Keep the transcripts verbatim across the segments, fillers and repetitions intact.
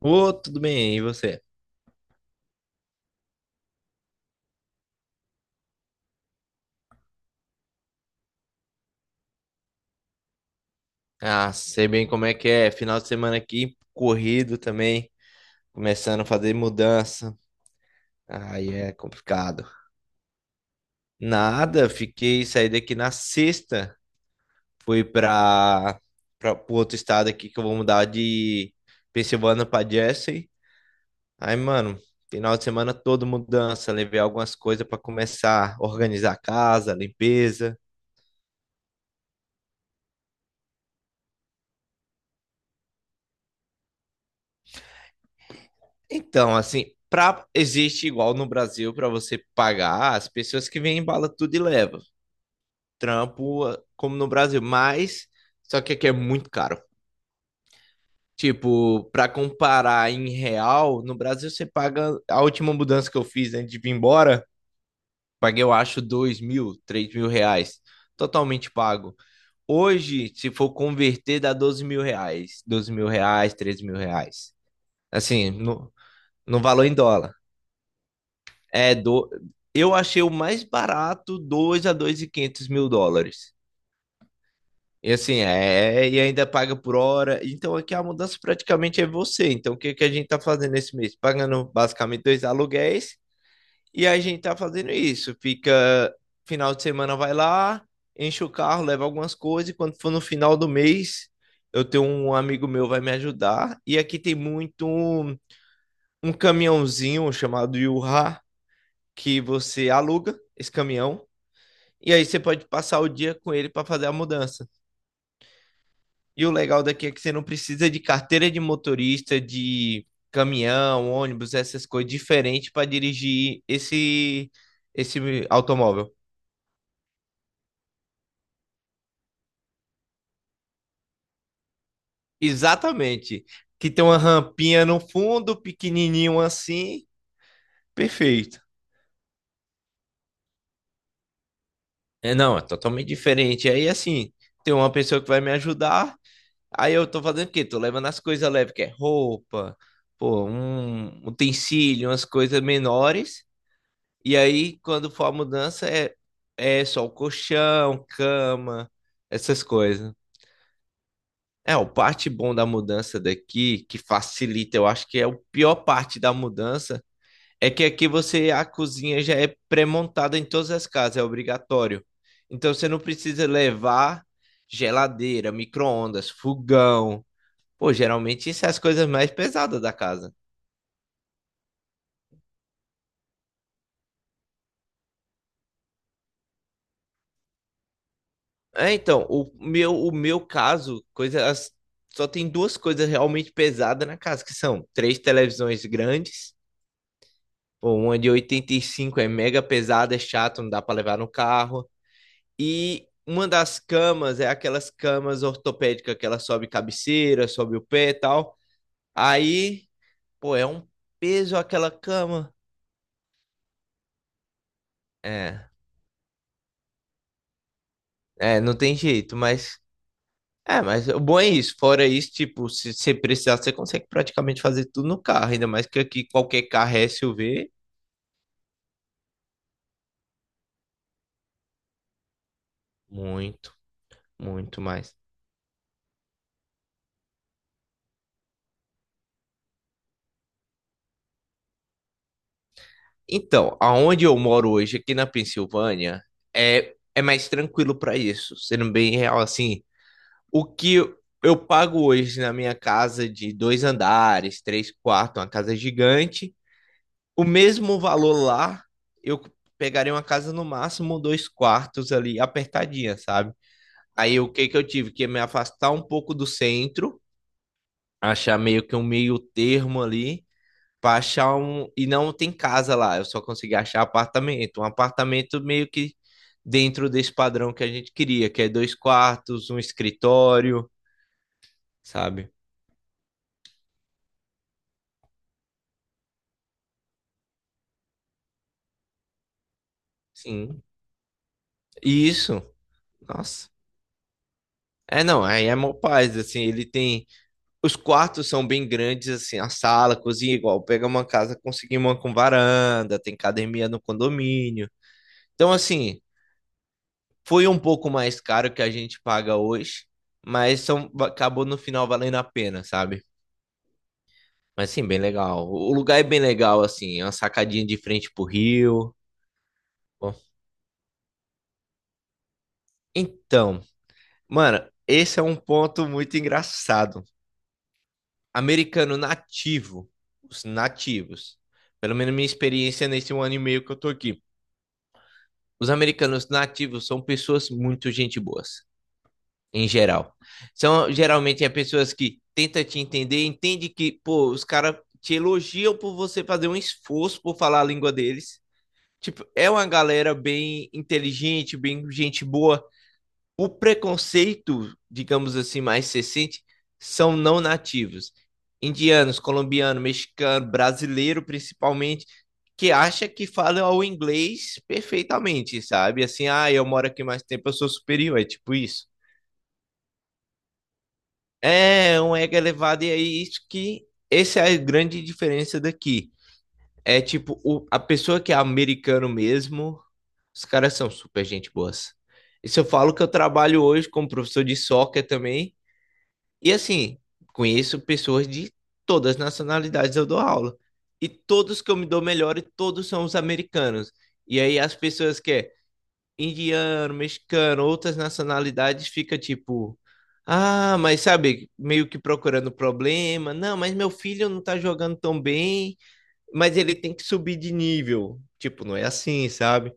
Ô, tudo bem, e você? Ah, sei bem como é que é. Final de semana aqui, corrido também, começando a fazer mudança. Aí é complicado. Nada, fiquei, saí daqui na sexta, fui para para outro estado aqui que eu vou mudar de Pensilvânia para Jersey. Aí, mano, final de semana todo mudança, levei algumas coisas para começar a organizar a casa, limpeza. Então, assim, pra, existe igual no Brasil para você pagar as pessoas que vêm embala tudo e leva. Trampo eh, como no Brasil, mas só que aqui é muito caro. Tipo, para comparar em real, no Brasil você paga a última mudança que eu fiz antes de vir embora, paguei eu acho dois mil, três mil reais, totalmente pago. Hoje, se for converter, dá doze mil reais, doze mil reais, treze mil reais. Assim, no, no valor em dólar. É, do... eu achei o mais barato dois a dois e quinhentos mil dólares. E assim, é, é, e ainda paga por hora. Então aqui a mudança praticamente é você. Então o que, que a gente tá fazendo esse mês? Pagando basicamente dois aluguéis e a gente tá fazendo isso. Fica final de semana vai lá, enche o carro, leva algumas coisas e quando for no final do mês, eu tenho um amigo meu vai me ajudar. E aqui tem muito um, um caminhãozinho chamado Yurra que você aluga esse caminhão. E aí você pode passar o dia com ele para fazer a mudança. E o legal daqui é que você não precisa de carteira de motorista, de caminhão, ônibus, essas coisas diferentes para dirigir esse esse automóvel. Exatamente. Que tem uma rampinha no fundo, pequenininho assim, perfeito. É, não, é totalmente diferente. Aí assim, tem uma pessoa que vai me ajudar. Aí eu tô fazendo o quê? Tô levando as coisas leves, que é roupa, pô, um um utensílio, umas coisas menores. E aí, quando for a mudança, é, é só o colchão, cama, essas coisas. É, o parte bom da mudança daqui, que facilita, eu acho que é o pior parte da mudança, é que aqui você, a cozinha já é pré-montada em todas as casas, é obrigatório. Então você não precisa levar geladeira, micro-ondas, fogão. Pô, geralmente isso é as coisas mais pesadas da casa. É, então, o meu, o meu caso, coisa, as- só tem duas coisas realmente pesadas na casa, que são três televisões grandes, pô, uma de oitenta e cinco é mega pesada, é chato, não dá para levar no carro, e uma das camas é aquelas camas ortopédicas que ela sobe cabeceira, sobe o pé e tal. Aí, pô, é um peso aquela cama. É, é, não tem jeito, mas. É, mas o bom é isso. Fora isso, tipo, se você precisar, você consegue praticamente fazer tudo no carro. Ainda mais que aqui qualquer carro é suv. Muito, muito mais. Então, aonde eu moro hoje, aqui na Pensilvânia, é, é mais tranquilo para isso. Sendo bem real, assim, o que eu eu pago hoje na minha casa de dois andares, três quartos, uma casa gigante, o mesmo valor lá, eu pegaria uma casa no máximo dois quartos ali, apertadinha, sabe? Aí o que que eu tive? Que me afastar um pouco do centro, achar meio que um meio termo ali, pra achar um. E não tem casa lá, eu só consegui achar apartamento. Um apartamento meio que dentro desse padrão que a gente queria, que é dois quartos, um escritório, sabe? Sim. E isso, nossa. É, não, aí é mó paz, assim, ele tem... Os quartos são bem grandes, assim, a sala, a cozinha, igual, pega uma casa, conseguimos uma com varanda, tem academia no condomínio. Então, assim, foi um pouco mais caro que a gente paga hoje, mas são, acabou no final valendo a pena, sabe? Mas sim, bem legal. O lugar é bem legal, assim, é uma sacadinha de frente pro rio. Bom, então, mano, esse é um ponto muito engraçado. Americano nativo, os nativos, pelo menos minha experiência nesse um ano e meio que eu tô aqui. Os americanos nativos são pessoas muito gente boas em geral. São geralmente é pessoas que tenta te entender, entende que, pô, os caras te elogiam por você fazer um esforço por falar a língua deles. Tipo, é uma galera bem inteligente, bem gente boa. O preconceito, digamos assim, mais recente, são não nativos. Indianos, colombiano, mexicano, brasileiro principalmente, que acha que fala o inglês perfeitamente, sabe? Assim, ah, eu moro aqui mais tempo, eu sou superior, é tipo isso. É um ego elevado, e é isso que. Essa é a grande diferença daqui. É tipo, o, a pessoa que é americano mesmo, os caras são super gente boas. E se eu falo que eu trabalho hoje como professor de soccer também, e assim, conheço pessoas de todas as nacionalidades eu dou aula. E todos que eu me dou melhor, e todos são os americanos. E aí as pessoas que é, indiano, mexicano, outras nacionalidades, fica tipo, ah, mas sabe, meio que procurando problema. Não, mas meu filho não tá jogando tão bem, mas ele tem que subir de nível. Tipo, não é assim, sabe?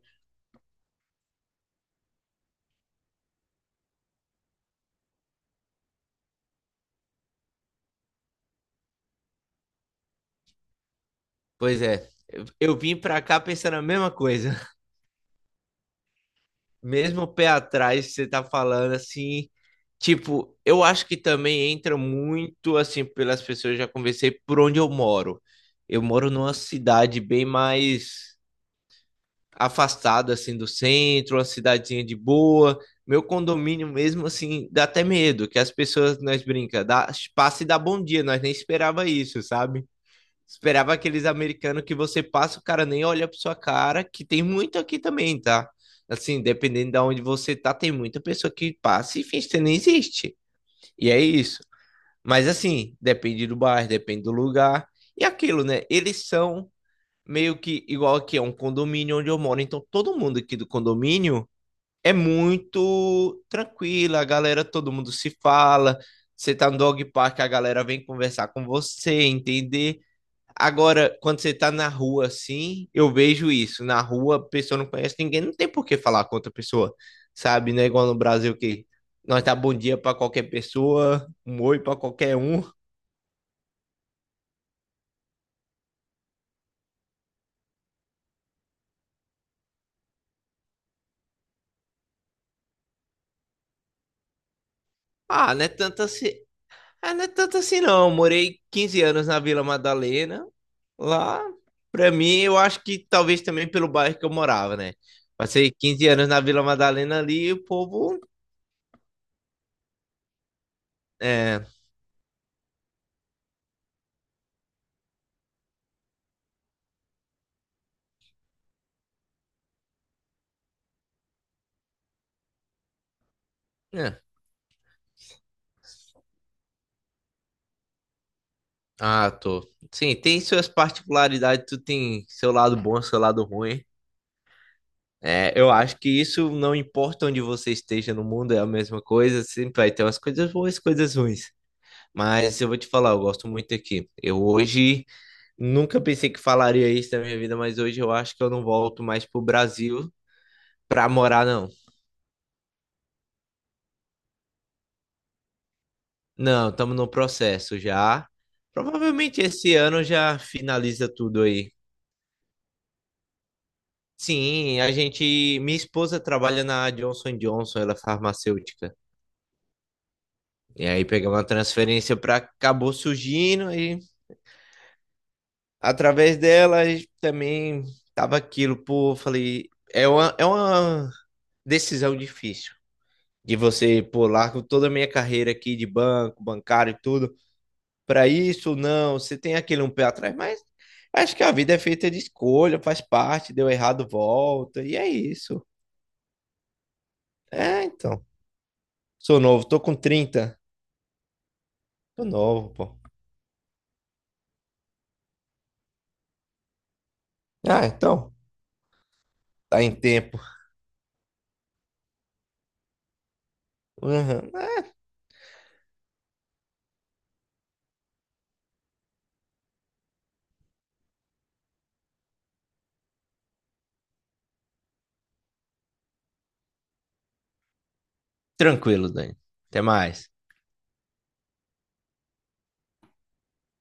Pois é. Eu eu vim pra cá pensando a mesma coisa. Mesmo o pé atrás, você tá falando assim, tipo, eu acho que também entra muito assim pelas pessoas, eu já conversei por onde eu moro. Eu moro numa cidade bem mais afastado assim do centro, uma cidadezinha de boa. Meu condomínio mesmo assim dá até medo, que as pessoas nós brinca, dá, passa e dá bom dia, nós nem esperava isso, sabe? Esperava aqueles americanos que você passa, o cara nem olha pra sua cara, que tem muito aqui também, tá? Assim, dependendo de onde você tá, tem muita pessoa que passa e finge que você nem existe. E é isso. Mas assim, depende do bairro, depende do lugar. E aquilo, né? Eles são meio que igual aqui, é um condomínio onde eu moro, então todo mundo aqui do condomínio é muito tranquila, a galera, todo mundo se fala. Você tá no dog park, a galera vem conversar com você, entender. Agora, quando você tá na rua assim, eu vejo isso. Na rua, a pessoa não conhece ninguém, não tem por que falar com outra pessoa, sabe? Não é igual no Brasil que nós tá bom dia pra qualquer pessoa, um oi pra qualquer um. Ah, não é tanto assim. Ah, não é tanto assim não. Eu morei quinze anos na Vila Madalena. Lá, pra mim, eu acho que talvez também pelo bairro que eu morava, né? Passei quinze anos na Vila Madalena ali e o povo. É, é. Ah, tô. Sim, tem suas particularidades, tu tem seu lado bom, seu lado ruim. É, eu acho que isso não importa onde você esteja no mundo, é a mesma coisa, sempre vai ter umas coisas boas, coisas ruins. Mas eu vou te falar, eu gosto muito aqui. Eu hoje nunca pensei que falaria isso na minha vida, mas hoje eu acho que eu não volto mais pro Brasil pra morar, não. Não, estamos no processo já. Provavelmente esse ano já finaliza tudo aí. Sim, a gente. Minha esposa trabalha na Johnson Johnson, ela é farmacêutica. E aí pegamos uma transferência para acabou surgindo e através dela a gente também tava aquilo, pô, falei, é uma, é uma decisão difícil de você, pô, largo toda a minha carreira aqui de banco, bancário e tudo para isso, não, você tem aquele um pé atrás, mas acho que a vida é feita de escolha, faz parte, deu errado, volta, e é isso. É, então. Sou novo, tô com trinta. Tô novo, pô. Ah, então, tá em tempo. Uhum. É, tranquilo, Dani. Até mais.